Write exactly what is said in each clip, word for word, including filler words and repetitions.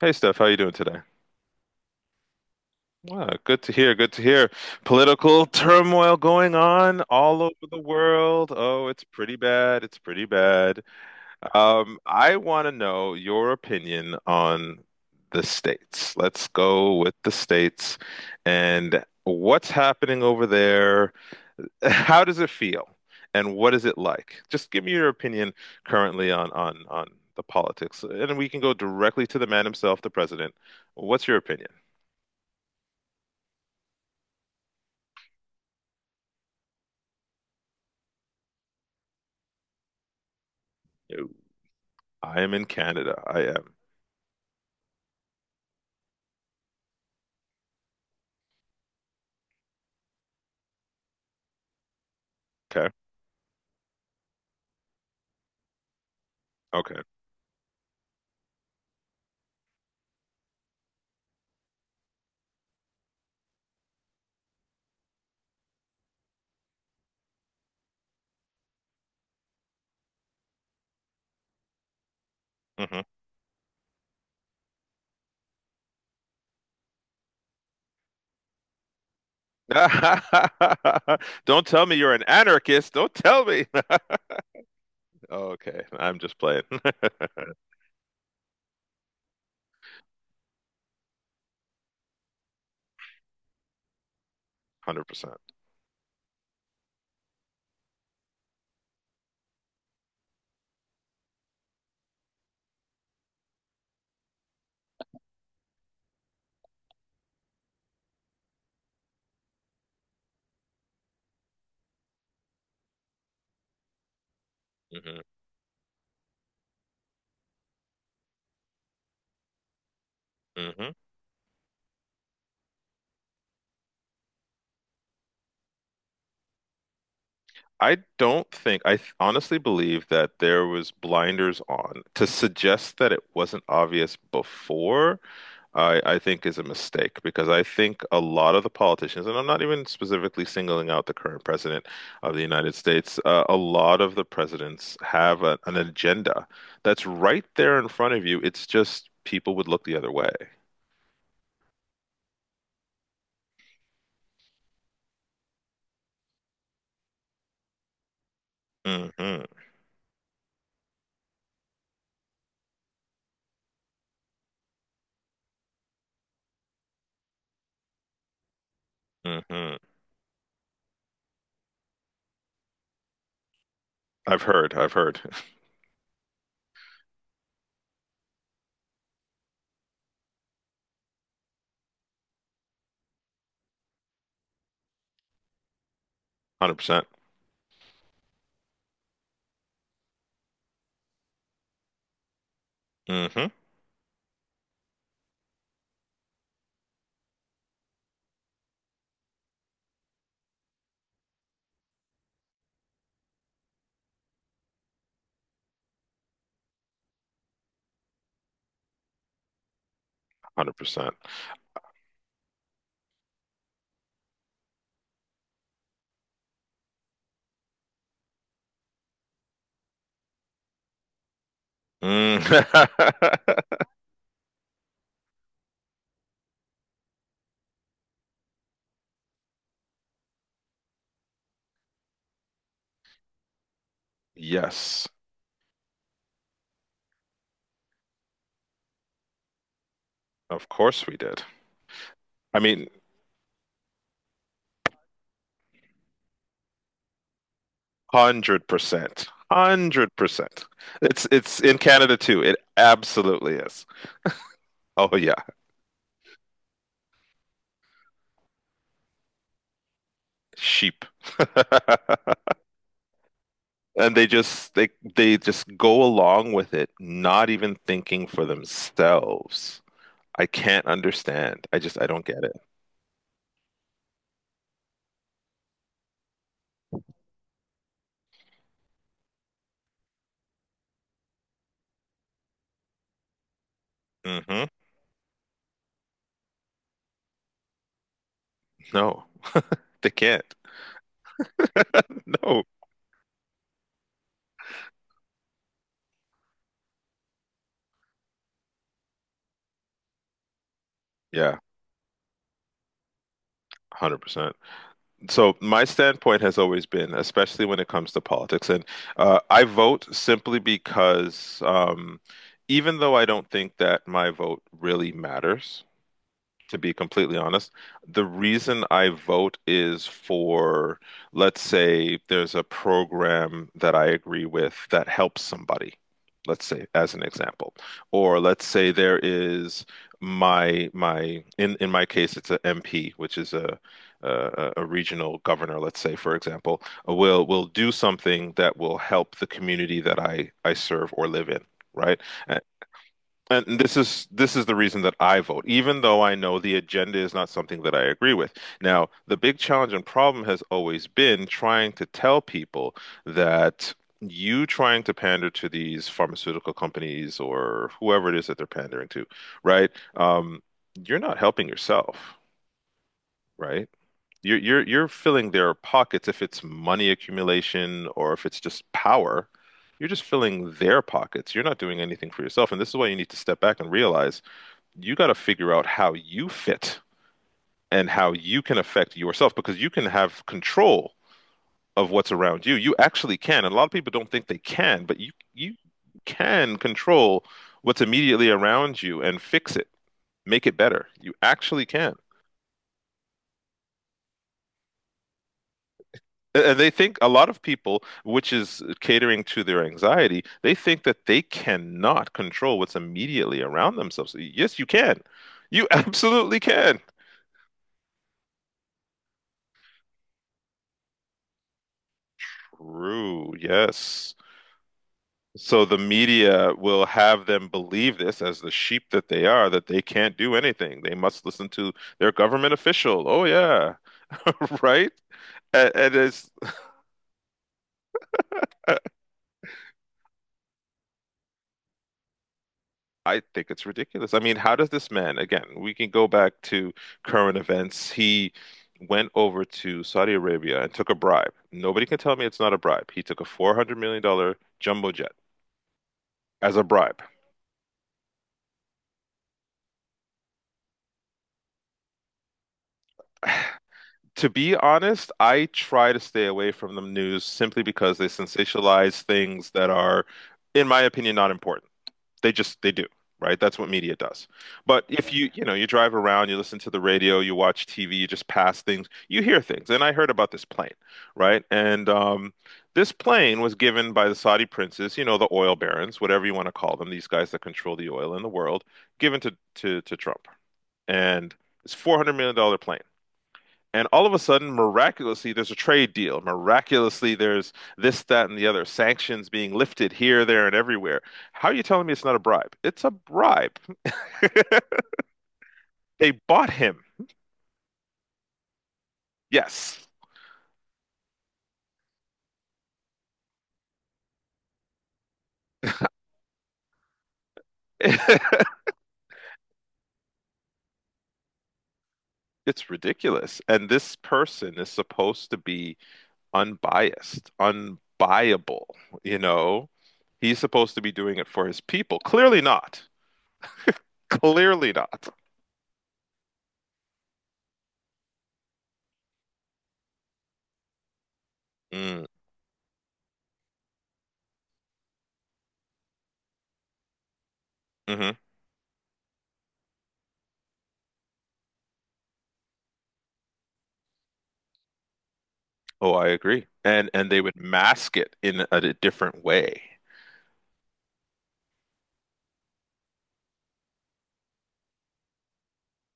Hey Steph, how you doing today? Ah, good to hear. Good to hear. Political turmoil going on all over the world. Oh, it's pretty bad. It's pretty bad. Um, I want to know your opinion on the states. Let's go with the states and what's happening over there. How does it feel? And what is it like? Just give me your opinion currently on on on the politics, and we can go directly to the man himself, the president. What's your opinion? I am in Canada. I am. Okay. Okay. Hmm. Don't tell me you're an anarchist. Don't tell me. Okay. I'm just playing. one hundred percent. Hmm. Hmm. I don't think, I th- honestly believe that there was blinders on to suggest that it wasn't obvious before. I, I think is a mistake because I think a lot of the politicians, and I'm not even specifically singling out the current president of the United States, uh, a lot of the presidents have a, an agenda that's right there in front of you. It's just people would look the other way. Hmm. Hmm. I've heard, I've heard, one hundred percent. Hmm. one hundred percent. Mm. Yes, of course we did. I mean, hundred percent. Hundred percent. It's it's in Canada too. It absolutely is. Oh yeah, sheep. And they just they they just go along with it, not even thinking for themselves. I can't understand. I just I don't get it. Hmm. No, they can't. No. Yeah, one hundred percent. So my standpoint has always been, especially when it comes to politics, and uh, I vote simply because um, even though I don't think that my vote really matters, to be completely honest. The reason I vote is for, let's say, there's a program that I agree with that helps somebody, let's say, as an example. Or let's say there is my my in in my case, it's a M P, which is a a, a regional governor, let's say, for example, will will do something that will help the community that I I serve or live in. Right. A- and this is this is the reason that I vote, even though I know the agenda is not something that I agree with. Now, the big challenge and problem has always been trying to tell people that you trying to pander to these pharmaceutical companies or whoever it is that they're pandering to, right? Um, you're not helping yourself, right? You're you're you're filling their pockets if it's money accumulation or if it's just power. You're just filling their pockets. You're not doing anything for yourself. And this is why you need to step back and realize you got to figure out how you fit and how you can affect yourself because you can have control of what's around you. You actually can. And a lot of people don't think they can, but you you can control what's immediately around you and fix it, make it better. You actually can. And they think a lot of people, which is catering to their anxiety, they think that they cannot control what's immediately around themselves. Yes, you can. You absolutely can. True. Yes. So the media will have them believe this as the sheep that they are, that they can't do anything. They must listen to their government official. Oh yeah, right? And, and it's, I think it's ridiculous. I mean, how does this man, again, we can go back to current events. He went over to Saudi Arabia and took a bribe. Nobody can tell me it's not a bribe. He took a four hundred million dollars jumbo jet as a bribe. To be honest, I try to stay away from the news simply because they sensationalize things that are, in my opinion, not important. They just they do, right? That's what media does. But if you, you know, you drive around, you listen to the radio, you watch T V, you just pass things, you hear things. And I heard about this plane, right? And um, this plane was given by the Saudi princes, you know, the oil barons, whatever you want to call them, these guys that control the oil in the world, given to to to Trump. And it's four hundred million dollar plane. And all of a sudden, miraculously, there's a trade deal. Miraculously, there's this, that, and the other. Sanctions being lifted here, there, and everywhere. How are you telling me it's not a bribe? It's a bribe. They bought him. Yes. It's ridiculous. And this person is supposed to be unbiased, unbuyable, you know? He's supposed to be doing it for his people. Clearly not. Clearly not. Mm, mhm. Oh, I agree. And and they would mask it in a, a different way.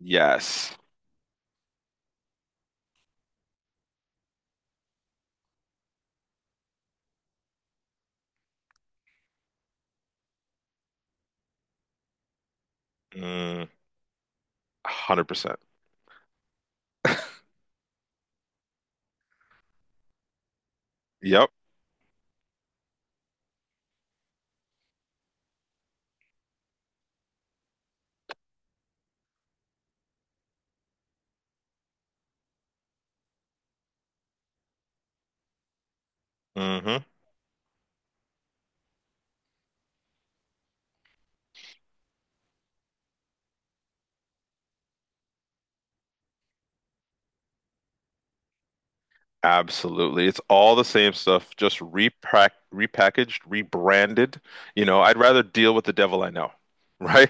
Yes. Mm, one hundred percent. Yep. Hmm. Absolutely. It's all the same stuff, just repack repackaged, rebranded. You know, I'd rather deal with the devil I know, right?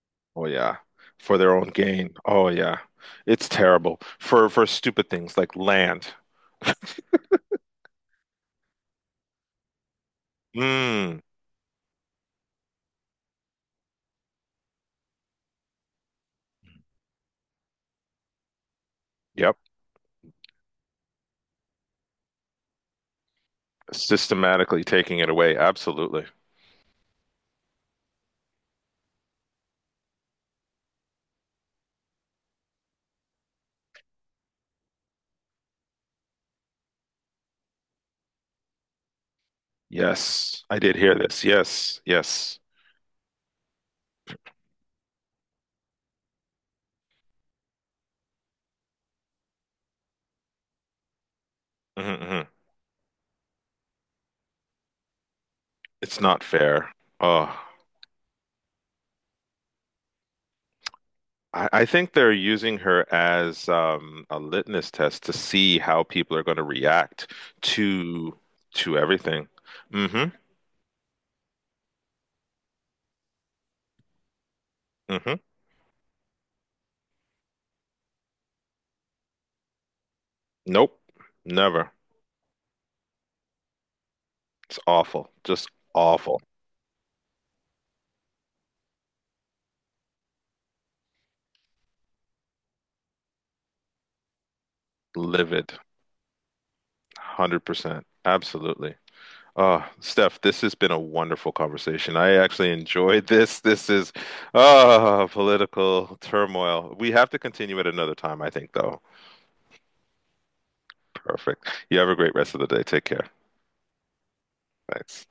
Oh yeah. For their own gain. Oh yeah. It's terrible. For for stupid things like land. Mm. Yep. Systematically taking it away. Absolutely. Yes. I did hear this. Yes. Yes. Hmm. It's not fair. Oh. I, I think they're using her as um, a litmus test to see how people are going to react to to everything. Hmm. Hmm. Nope. Never. It's awful. Just awful. Livid. one hundred percent. Absolutely. Oh, Steph, this has been a wonderful conversation. I actually enjoyed this. This is oh, political turmoil. We have to continue at another time, I think, though. Perfect. You have a great rest of the day. Take care. Thanks.